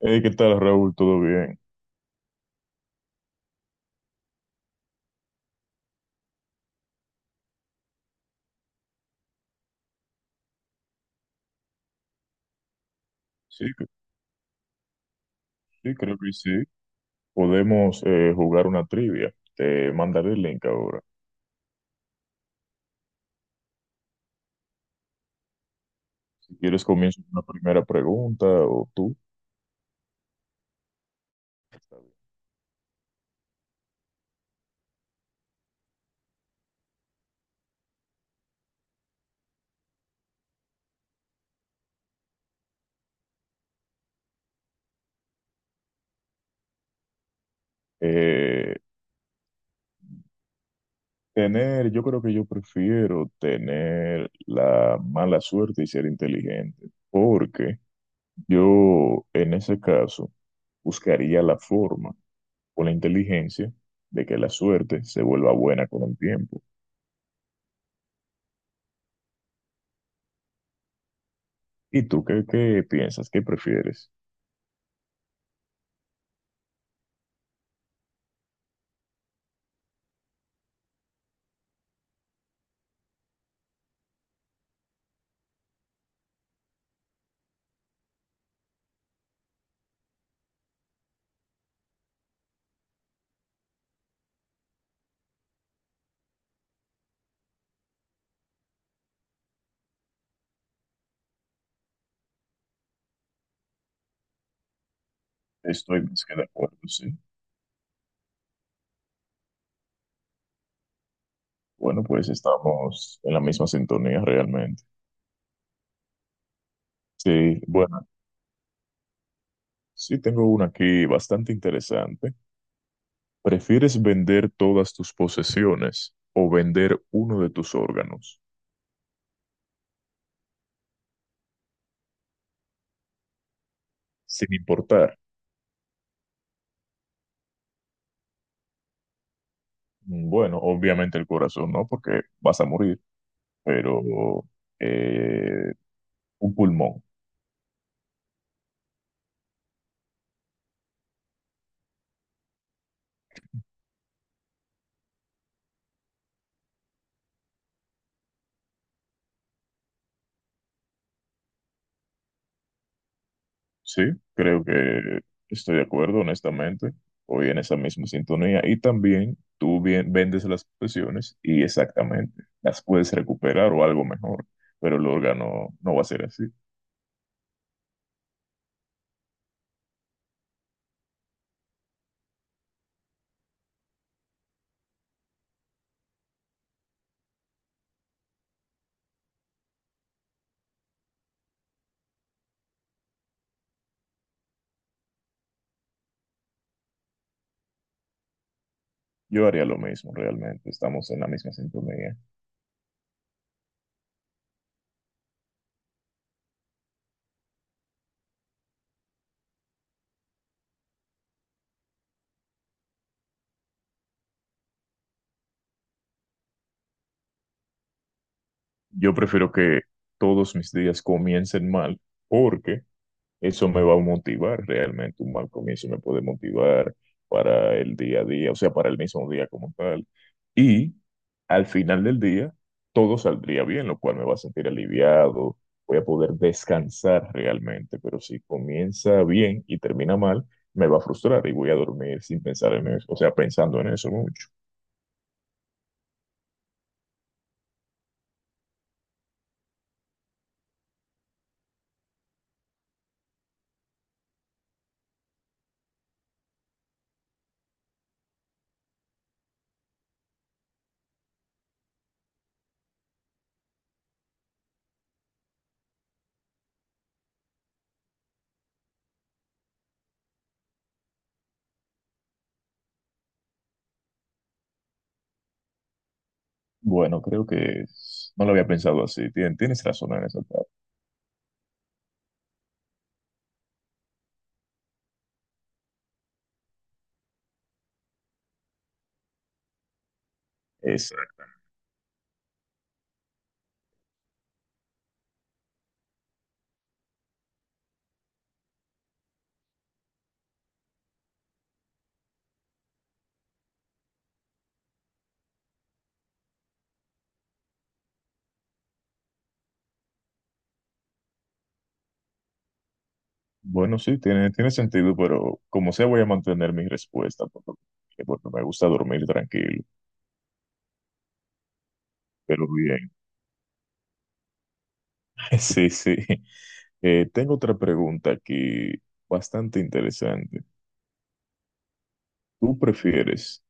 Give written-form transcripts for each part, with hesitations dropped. Hey, ¿qué tal, Raúl? ¿Todo bien? Sí, c- sí, creo que sí. Podemos jugar una trivia. Te mandaré el link ahora. Si quieres, comienzo con la primera pregunta o tú. Está bien. Eh, yo creo que yo prefiero tener la mala suerte y ser inteligente, porque yo en ese caso buscaría la forma o la inteligencia de que la suerte se vuelva buena con el tiempo. ¿Y tú qué piensas? ¿Qué prefieres? Estoy más que de acuerdo, sí. Bueno, pues estamos en la misma sintonía realmente. Sí, bueno, sí tengo una aquí bastante interesante. ¿Prefieres vender todas tus posesiones o vender uno de tus órganos? Sin importar. Mm, bueno, obviamente el corazón, ¿no? Porque vas a morir, pero eh, un pulmón. Sí, creo que estoy de acuerdo, honestamente. Voy en esa misma sintonía. Y también tú bien, vendes las posesiones y exactamente las puedes recuperar o algo mejor, pero el órgano no va a ser así. Yo haría lo mismo, realmente. Estamos en la misma sintonía. Yo prefiero que todos mis días comiencen mal porque eso me va a motivar realmente. Un mal comienzo me puede motivar para el día a día, o sea, para el mismo día como tal. Y al final del día, todo saldría bien, lo cual me va a sentir aliviado, voy a poder descansar realmente. Pero si comienza bien y termina mal, me va a frustrar y voy a dormir sin pensar en eso, o sea, pensando en eso mucho. Bueno, creo que no lo había pensado así. Tienes razón en esa parte. Es bueno, sí, tiene sentido, pero como sea, voy a mantener mi respuesta por lo porque me gusta dormir tranquilo, pero bien. Sí, sí. Tengo otra pregunta aquí bastante interesante. ¿Tú prefieres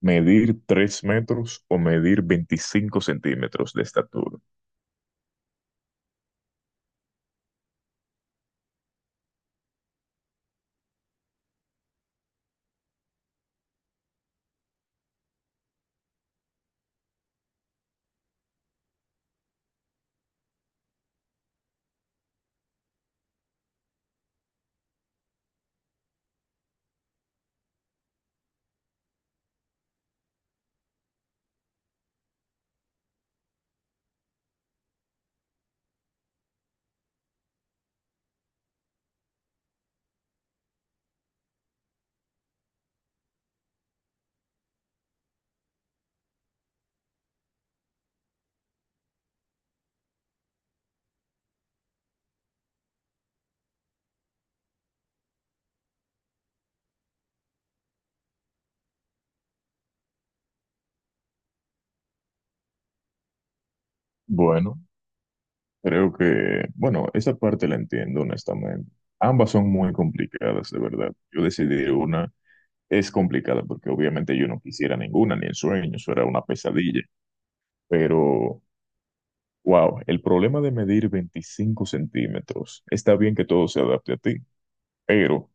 medir 3 metros o medir 25 centímetros de estatura? Bueno, creo que, bueno, esa parte la entiendo honestamente. Ambas son muy complicadas, de verdad. Yo decidí una es complicada porque obviamente yo no quisiera ninguna, ni en sueños, eso era una pesadilla. Pero, wow, el problema de medir 25 centímetros, está bien que todo se adapte a ti, pero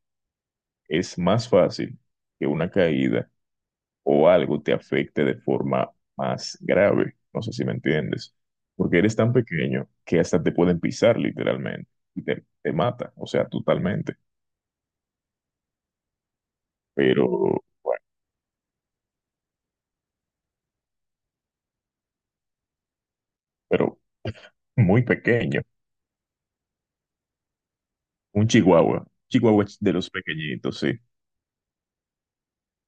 es más fácil que una caída o algo te afecte de forma más grave. No sé si me entiendes, porque eres tan pequeño que hasta te pueden pisar literalmente y te mata, o sea, totalmente. Pero, bueno, pero muy pequeño. Un chihuahua. Chihuahua es de los pequeñitos, sí.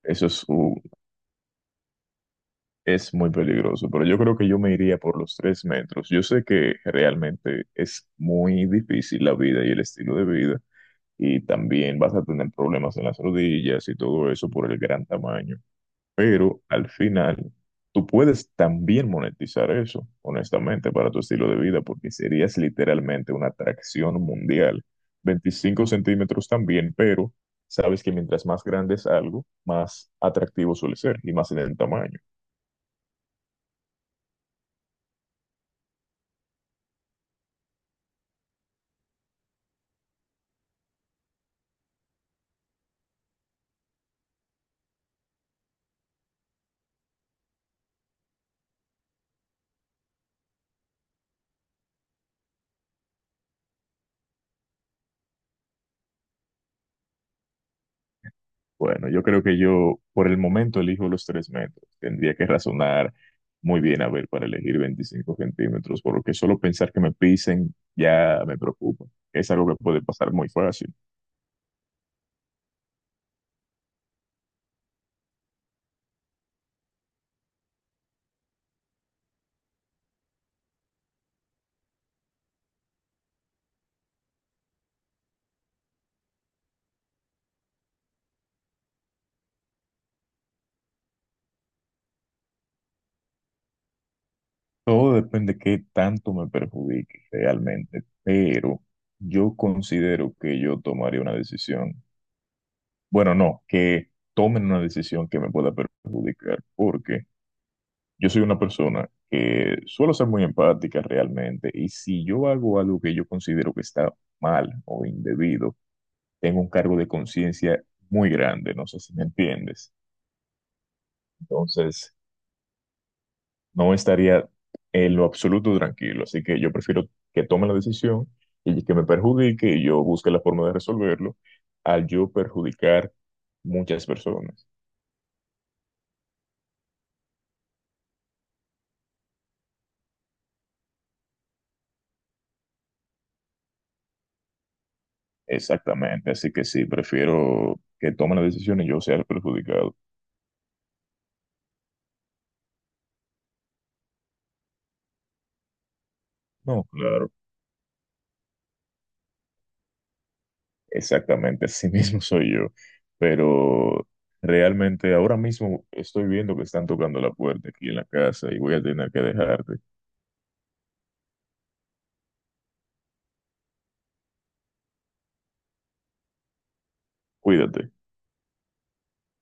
Eso es, un- es muy peligroso, pero yo creo que yo me iría por los 3 metros. Yo sé que realmente es muy difícil la vida y el estilo de vida, y también vas a tener problemas en las rodillas y todo eso por el gran tamaño. Pero al final, tú puedes también monetizar eso, honestamente, para tu estilo de vida, porque serías literalmente una atracción mundial. 25 centímetros también, pero sabes que mientras más grande es algo, más atractivo suele ser y más en el tamaño. Bueno, yo creo que yo por el momento elijo los 3 metros. Tendría que razonar muy bien a ver para elegir 25 centímetros, porque solo pensar que me pisen ya me preocupa. Es algo que puede pasar muy fácil. Todo depende de qué tanto me perjudique realmente, pero yo considero que yo tomaría una decisión. Bueno, no, que tomen una decisión que me pueda perjudicar, porque yo soy una persona que suelo ser muy empática realmente, y si yo hago algo que yo considero que está mal o indebido, tengo un cargo de conciencia muy grande, no sé si me entiendes. Entonces no estaría en lo absoluto tranquilo. Así que yo prefiero que tome la decisión y que me perjudique y yo busque la forma de resolverlo al yo perjudicar muchas personas. Exactamente, así que sí, prefiero que tome la decisión y yo sea el perjudicado. No, claro, exactamente, así mismo soy yo, pero realmente ahora mismo estoy viendo que están tocando la puerta aquí en la casa y voy a tener que dejarte. Cuídate.